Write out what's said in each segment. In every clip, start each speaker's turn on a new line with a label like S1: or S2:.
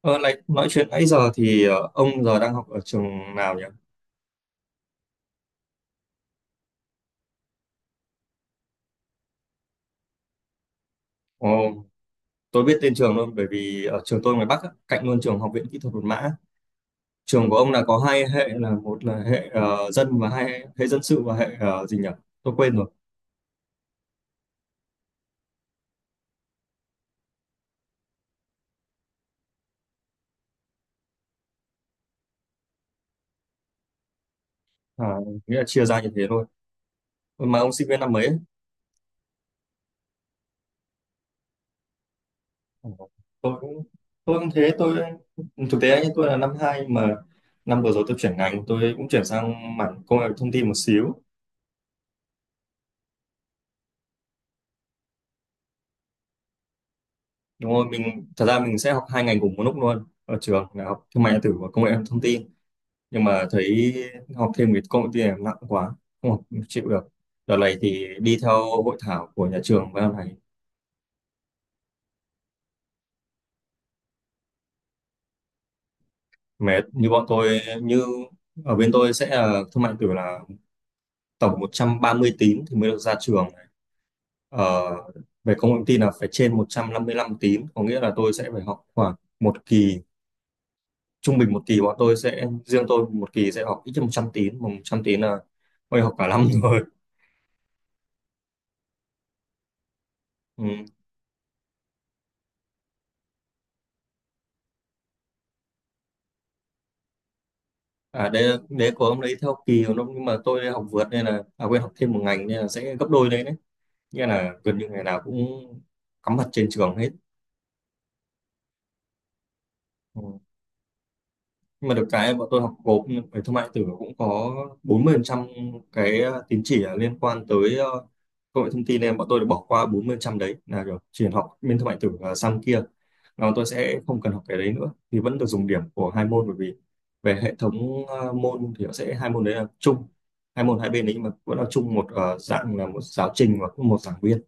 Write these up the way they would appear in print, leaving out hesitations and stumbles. S1: Ờ, này, nói chuyện nãy giờ thì ông giờ đang học ở trường nào nhỉ? Ồ, tôi biết tên trường luôn bởi vì ở trường tôi ngoài Bắc á, cạnh luôn trường Học viện Kỹ thuật Một Mã. Trường của ông là có hai hệ, là một là hệ dân, và hai hệ dân sự và hệ gì nhỉ? Tôi quên rồi. À, nghĩa là chia ra như thế thôi. Mà ông sinh viên năm mấy? Ấy? Ờ. Tôi cũng tôi cũng thế, thực tế nhé, tôi là năm hai, mà năm vừa rồi tôi chuyển ngành, tôi cũng chuyển sang mảng công nghệ thông tin một xíu. Đúng rồi, thật ra mình sẽ học hai ngành cùng một lúc luôn ở trường, là học thương mại điện tử và công nghệ thông tin. Nhưng mà thấy học thêm cái công nghệ thông tin này nặng quá, không học không chịu được. Đợt này thì đi theo hội thảo của nhà trường với này. Mệt như bọn tôi, như ở bên tôi sẽ là thương mại điện tử là tổng 130 tín thì mới được ra trường. ờ, Về công nghệ thông tin là phải trên 155 tín, có nghĩa là tôi sẽ phải học khoảng một kỳ. Trung bình một kỳ bọn tôi sẽ, riêng tôi một kỳ sẽ học ít nhất 100 tín, mà 100 tín là tôi học cả năm rồi. Ừ. À, đấy đấy của ông đấy theo kỳ của nó, nhưng mà tôi học vượt nên là, à quên, học thêm một ngành nên là sẽ gấp đôi đấy đấy. Nghĩa là gần như ngày nào cũng cắm mặt trên trường hết. Ừ. Nhưng mà được cái bọn tôi học gộp, về thương mại điện tử cũng có 40% cái tín chỉ là liên quan tới công nghệ thông tin, nên bọn tôi được bỏ qua 40% đấy, là kiểu chỉ học bên thương mại điện tử. Ờ, Sang kia là bọn tôi sẽ không cần học cái đấy nữa, thì vẫn được dùng điểm của hai môn, bởi vì về hệ thống môn thì nó sẽ hai môn đấy là chung, hai môn hai bên đấy, nhưng mà vẫn là chung một dạng, là một giáo trình và cũng một giảng viên.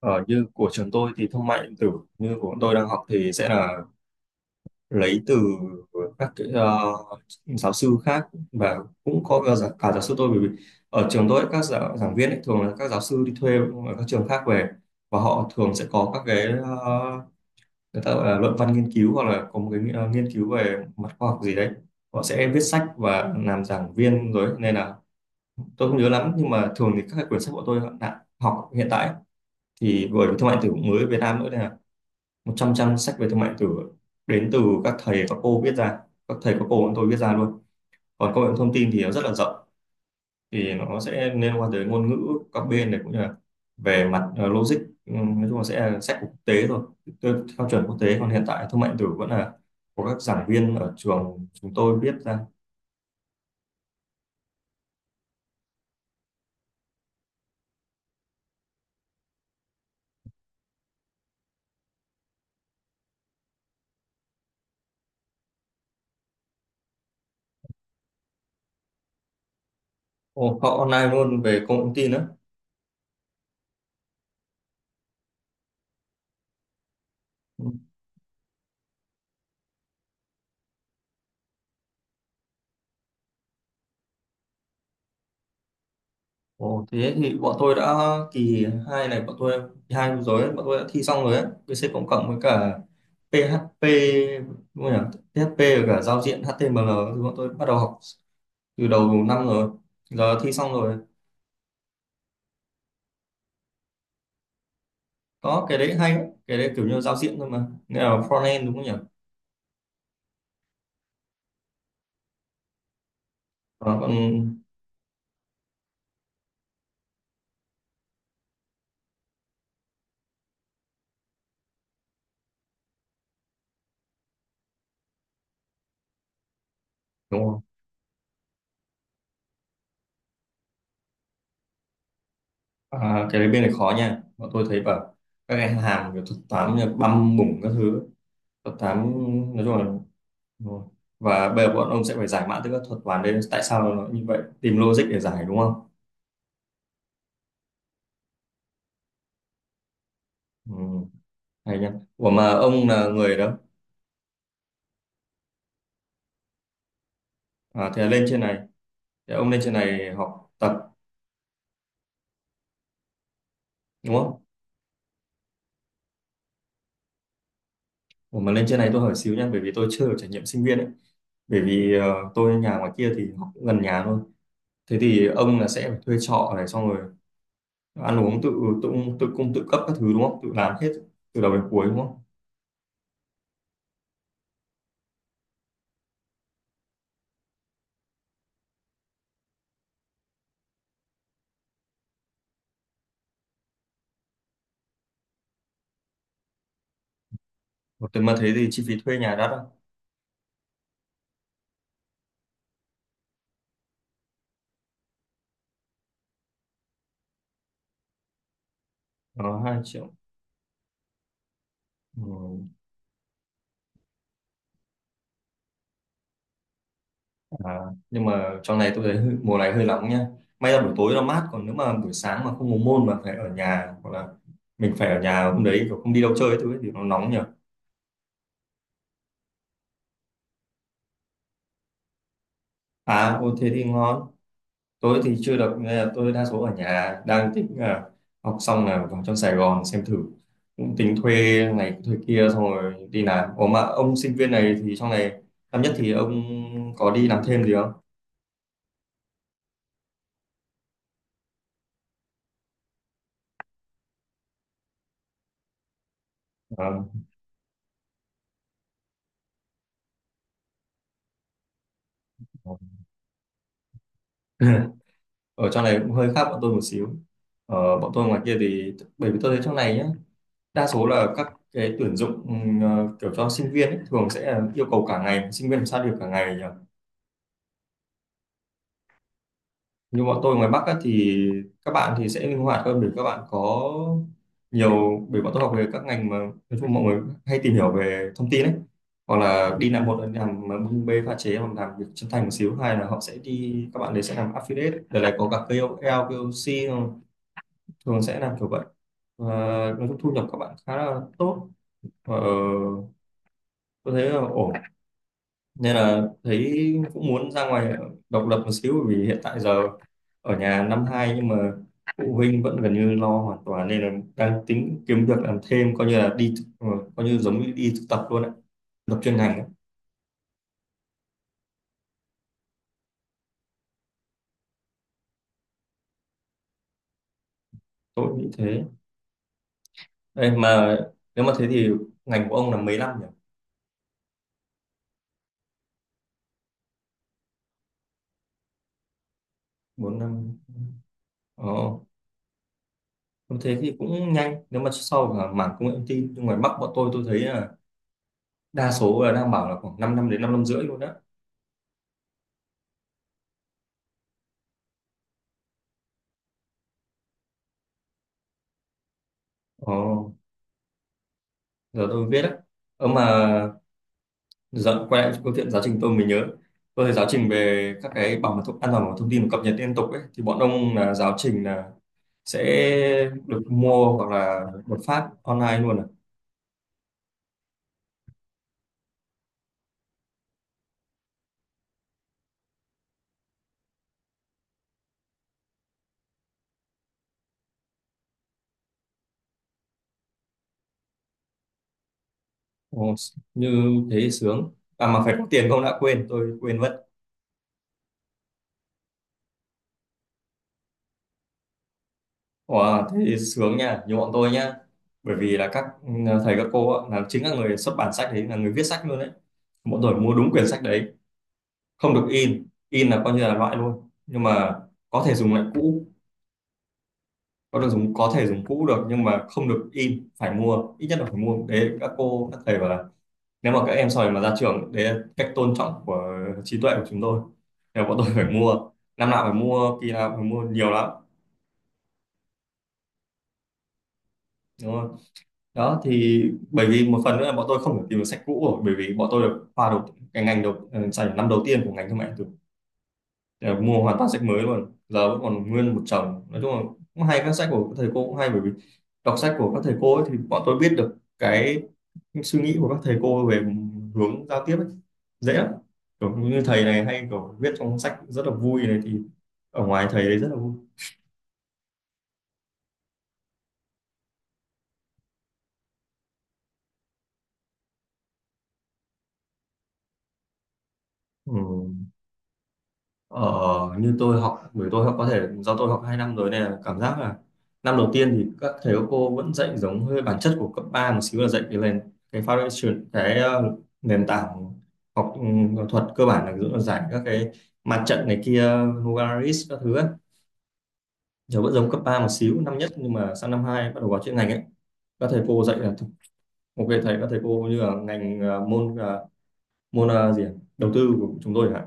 S1: Ờ, như của trường tôi thì thương mại điện tử, như của bọn tôi đang học, thì sẽ là lấy từ các cái, giáo sư khác, và cũng có cả, cả giáo sư tôi. Bởi vì ở trường tôi ấy, các giảng viên ấy, thường là các giáo sư đi thuê ở các trường khác về, và họ thường sẽ có các cái người ta gọi là luận văn nghiên cứu, hoặc là có một cái nghiên cứu về mặt khoa học gì đấy, họ sẽ viết sách và làm giảng viên rồi ấy. Nên là tôi không nhớ lắm, nhưng mà thường thì các cái quyển sách của tôi đã học hiện tại ấy, thì bởi vì thương mại điện tử cũng mới ở Việt Nam nữa, 100 trang sách về thương mại điện tử đến từ các thầy các cô viết ra, các thầy các cô bọn tôi viết ra luôn. Còn công nghệ thông tin thì nó rất là rộng, thì nó sẽ liên quan tới ngôn ngữ các bên này, cũng như là về mặt logic. Nói chung là sẽ là sách của quốc tế thôi. Theo chuẩn quốc tế, còn hiện tại thương mại điện tử vẫn là của các giảng viên ở trường chúng tôi viết ra. Ồ, họ online luôn về công nghệ thông tin nữa. Ừ. Ồ, thế thì bọn tôi đã, kỳ hai này bọn tôi, kỳ hai vừa rồi ấy, bọn tôi đã thi xong rồi ấy, VC cộng cộng với cả PHP, đúng không nhỉ? PHP và cả giao diện HTML thì bọn tôi bắt đầu học từ đầu năm rồi, giờ thi xong rồi. Có cái đấy hay, cái đấy kiểu như giao diện thôi mà, nghĩa là front end đúng không nhỉ? Ờ, còn đúng không? À, cái đấy bên này khó nha, bọn tôi thấy bảo các cái hàm kiểu thuật toán như băm bủng các thứ, thuật toán. Nói chung là đúng rồi. Và bây giờ bọn ông sẽ phải giải mã từ các thuật toán đấy, tại sao nó như vậy, tìm logic để giải đúng không? Ừ, hay nhá. Ủa mà ông là người đó? À, thì là lên trên này. Thế ông lên trên này học tập đúng không? Ủa mà lên trên này tôi hỏi xíu nha, bởi vì tôi chưa được trải nghiệm sinh viên ấy. Bởi vì tôi nhà ngoài kia thì học cũng gần nhà thôi. Thế thì ông là sẽ phải thuê trọ này xong rồi ăn uống tự, tự tự cung tự cấp các thứ đúng không? Tự làm hết từ đầu đến cuối đúng không? Ủa, thế mà thế thì chi phí thuê nhà đắt không? Nó 2 triệu. Ừ. À, nhưng mà trong này tôi thấy hơi- mùa này hơi nóng nha. May là buổi tối nó mát, còn nếu mà buổi sáng mà không có môn mà phải ở nhà, hoặc là mình phải ở nhà hôm đấy kiểu không đi đâu chơi ấy, thứ ấy, thì nó nóng nhỉ? À, ô thế thì ngon. Tôi thì chưa được, nên là tôi đa số ở nhà, đang tính là học xong là vào trong Sài Gòn xem thử. Cũng tính thuê này thuê kia xong rồi đi làm. Ủa mà ông sinh viên này thì trong này năm nhất thì ông có đi làm thêm gì không? Ờ. Ở trong này cũng hơi khác bọn tôi một xíu. Ờ, bọn tôi ngoài kia thì, bởi vì tôi thấy trong này nhá, đa số là các cái tuyển dụng, kiểu cho sinh viên ấy, thường sẽ là yêu cầu cả ngày, sinh viên làm sao được cả ngày nhỉ? Như bọn tôi ngoài Bắc á, thì các bạn thì sẽ linh hoạt hơn để các bạn có nhiều. Bởi bọn tôi học về các ngành mà nói chung mọi người hay tìm hiểu về thông tin ấy, hoặc là đi làm, một là làm bưng bê pha chế, hoặc làm việc chân thành một xíu, hay là họ sẽ đi, các bạn đấy sẽ làm affiliate đợt này, có cả KOL, KOC không? Thường sẽ làm kiểu vậy. Và nói chung thu nhập các bạn khá là tốt, và tôi thấy là ổn, nên là thấy cũng muốn ra ngoài độc lập một xíu. Bởi vì hiện tại giờ ở nhà năm hai nhưng mà phụ huynh vẫn gần như lo hoàn toàn, nên là đang tính kiếm việc làm thêm, coi như là coi như giống như đi thực tập luôn ạ, thực tập chuyên ngành ấy. Tôi nghĩ thế. Đây mà nếu mà thế thì ngành của ông là mấy năm nhỉ, 4 năm. Ồ, nếu thế thì cũng nhanh, nếu mà sau là mảng công nghệ thông tin, nhưng ngoài Bắc bọn tôi thấy là đa số là đang bảo là khoảng 5 năm đến 5 năm rưỡi luôn đó. Ồ, giờ tôi biết đấy. Ờ mà, dạ, quay lại câu chuyện giáo trình tôi mới nhớ. Tôi thấy giáo trình về các cái bảo mật thông, an toàn bảo mật thông tin và cập nhật liên tục ấy, thì bọn ông là giáo trình là sẽ được mua hoặc là một phát online luôn à? Ồ, như thế thì sướng. À mà phải có tiền không đã, quên, tôi quên mất. Wow, thế thì sướng nha, như bọn tôi nhá. Bởi vì là các thầy các cô ạ, là chính các người xuất bản sách đấy, là người viết sách luôn đấy. Bọn tôi mua đúng quyển sách đấy, không được in, in là coi như là loại luôn. Nhưng mà có thể dùng lại cũ có thể dùng cũ được nhưng mà không được in, phải mua, ít nhất là phải mua. Đấy các cô các thầy bảo là nếu mà các em sau này mà ra trường đấy là cách tôn trọng của trí tuệ của chúng tôi. Nên bọn tôi phải mua, năm nào phải mua, kỳ nào phải mua, nhiều lắm đúng không? Đó thì bởi vì một phần nữa là bọn tôi không thể tìm được sách cũ rồi, bởi vì bọn tôi được khoa đầu cái ngành đầu, dành năm đầu tiên của ngành thương mại điện tử. Ờ, Mua hoàn toàn sách mới luôn, giờ vẫn còn nguyên một chồng. Nói chung là cũng hay, các sách của các thầy cô cũng hay, bởi vì đọc sách của các thầy cô ấy thì bọn tôi biết được cái những suy nghĩ của các thầy cô về hướng giao tiếp ấy, dễ lắm. Kiểu như thầy này hay kiểu viết trong sách rất là vui này thì ở ngoài thầy đấy rất là vui. Ừ. ờ, Như tôi học, bởi tôi học, có thể do tôi học 2 năm rồi nên là cảm giác là năm đầu tiên thì các thầy các cô vẫn dạy giống hơi bản chất của cấp 3 một xíu, là dạy cái nền, cái foundation, nền tảng học, thuật cơ bản, là ví dụ là giải các cái mặt trận này kia, Novaris các thứ ấy. Giờ vẫn giống cấp 3 một xíu năm nhất, nhưng mà sang năm 2 bắt đầu vào chuyên ngành ấy, các thầy cô dạy là ok thầy các thầy cô như là ngành à, môn à, môn à, gì ạ? Đầu tư của chúng tôi chẳng,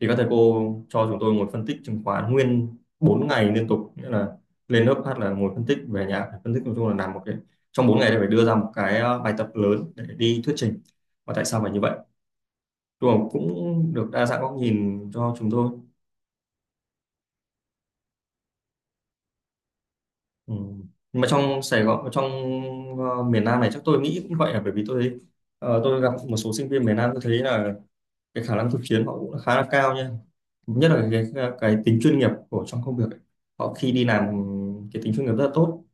S1: thì các thầy cô cho chúng tôi ngồi phân tích chứng khoán nguyên 4 ngày liên tục, nghĩa là lên lớp hát là ngồi phân tích, về nhà phải phân tích. Nói chung là làm một cái, trong 4 ngày thì phải đưa ra một cái à, bài tập lớn để đi thuyết trình. Và tại sao phải như vậy? Đúng, cũng được đa dạng góc nhìn cho chúng tôi. Ừ. Nhưng mà trong Sài Gòn, trong miền Nam này chắc tôi nghĩ cũng vậy, là bởi vì tôi thấy, tôi gặp một số sinh viên miền Nam, tôi thấy là cái khả năng thực chiến họ cũng khá là cao nha, nhất là cái tính chuyên nghiệp của trong công việc ấy. Họ khi đi làm cái tính chuyên nghiệp rất là tốt,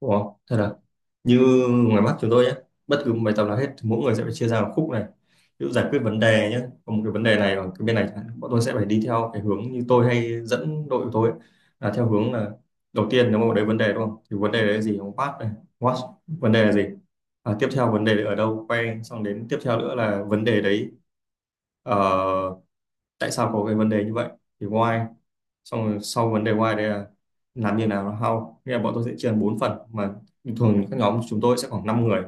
S1: đúng không? Thật là như ngoài mắt chúng tôi nhé, bất cứ một bài tập nào hết thì mỗi người sẽ phải chia ra một khúc này, ví dụ giải quyết vấn đề nhé, có một cái vấn đề này ở cái bên này chẳng hạn, bọn tôi sẽ phải đi theo cái hướng như tôi hay dẫn đội của tôi ấy, là theo hướng là đầu tiên nếu mà đấy vấn đề đúng không, thì vấn đề đấy là gì, what này, what, vấn đề là gì, à, tiếp theo vấn đề đấy ở đâu, quay xong đến tiếp theo nữa là vấn đề đấy ờ, tại sao có cái vấn đề như vậy, thì why, xong rồi sau vấn đề why đấy là làm như nào, là how. Nghĩa là bọn tôi sẽ chia thành 4 phần mà thường các nhóm chúng tôi sẽ khoảng 5 người,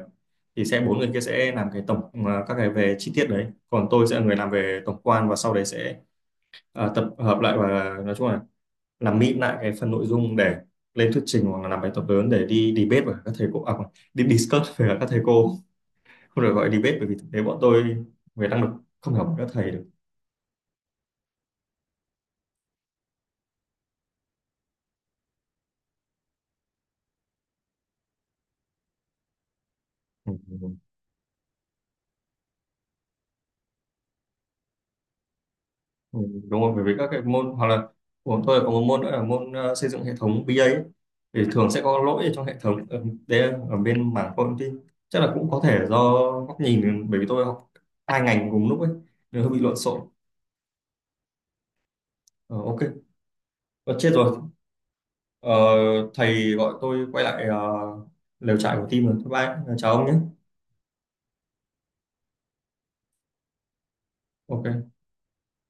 S1: thì sẽ 4 người kia sẽ làm cái tổng à, các cái về chi tiết đấy, còn tôi sẽ là người làm về tổng quan và sau đấy sẽ à, tập hợp lại và nói chung là làm mịn lại cái phần nội dung để lên thuyết trình hoặc là làm bài tập lớn để đi debate với các thầy cô, à, không, đi discuss với các thầy cô, không được gọi là debate bởi vì thực tế bọn tôi về năng lực không hiểu các thầy được. Ừ. Ừ. Ừ, đúng rồi, bởi vì các cái môn hoặc là của tôi có một môn nữa là môn xây dựng hệ thống BA ấy, thì thường sẽ có lỗi ở trong hệ thống ở, đấy là ở bên mảng công ty, chắc là cũng có thể do góc nhìn bởi vì tôi học 2 ngành cùng lúc ấy nên hơi bị lộn xộn. Ờ, ok. Ờ, chết rồi. Ờ, Thầy gọi tôi quay lại lều trại của team rồi, bye bye chào ông nhé. Ok.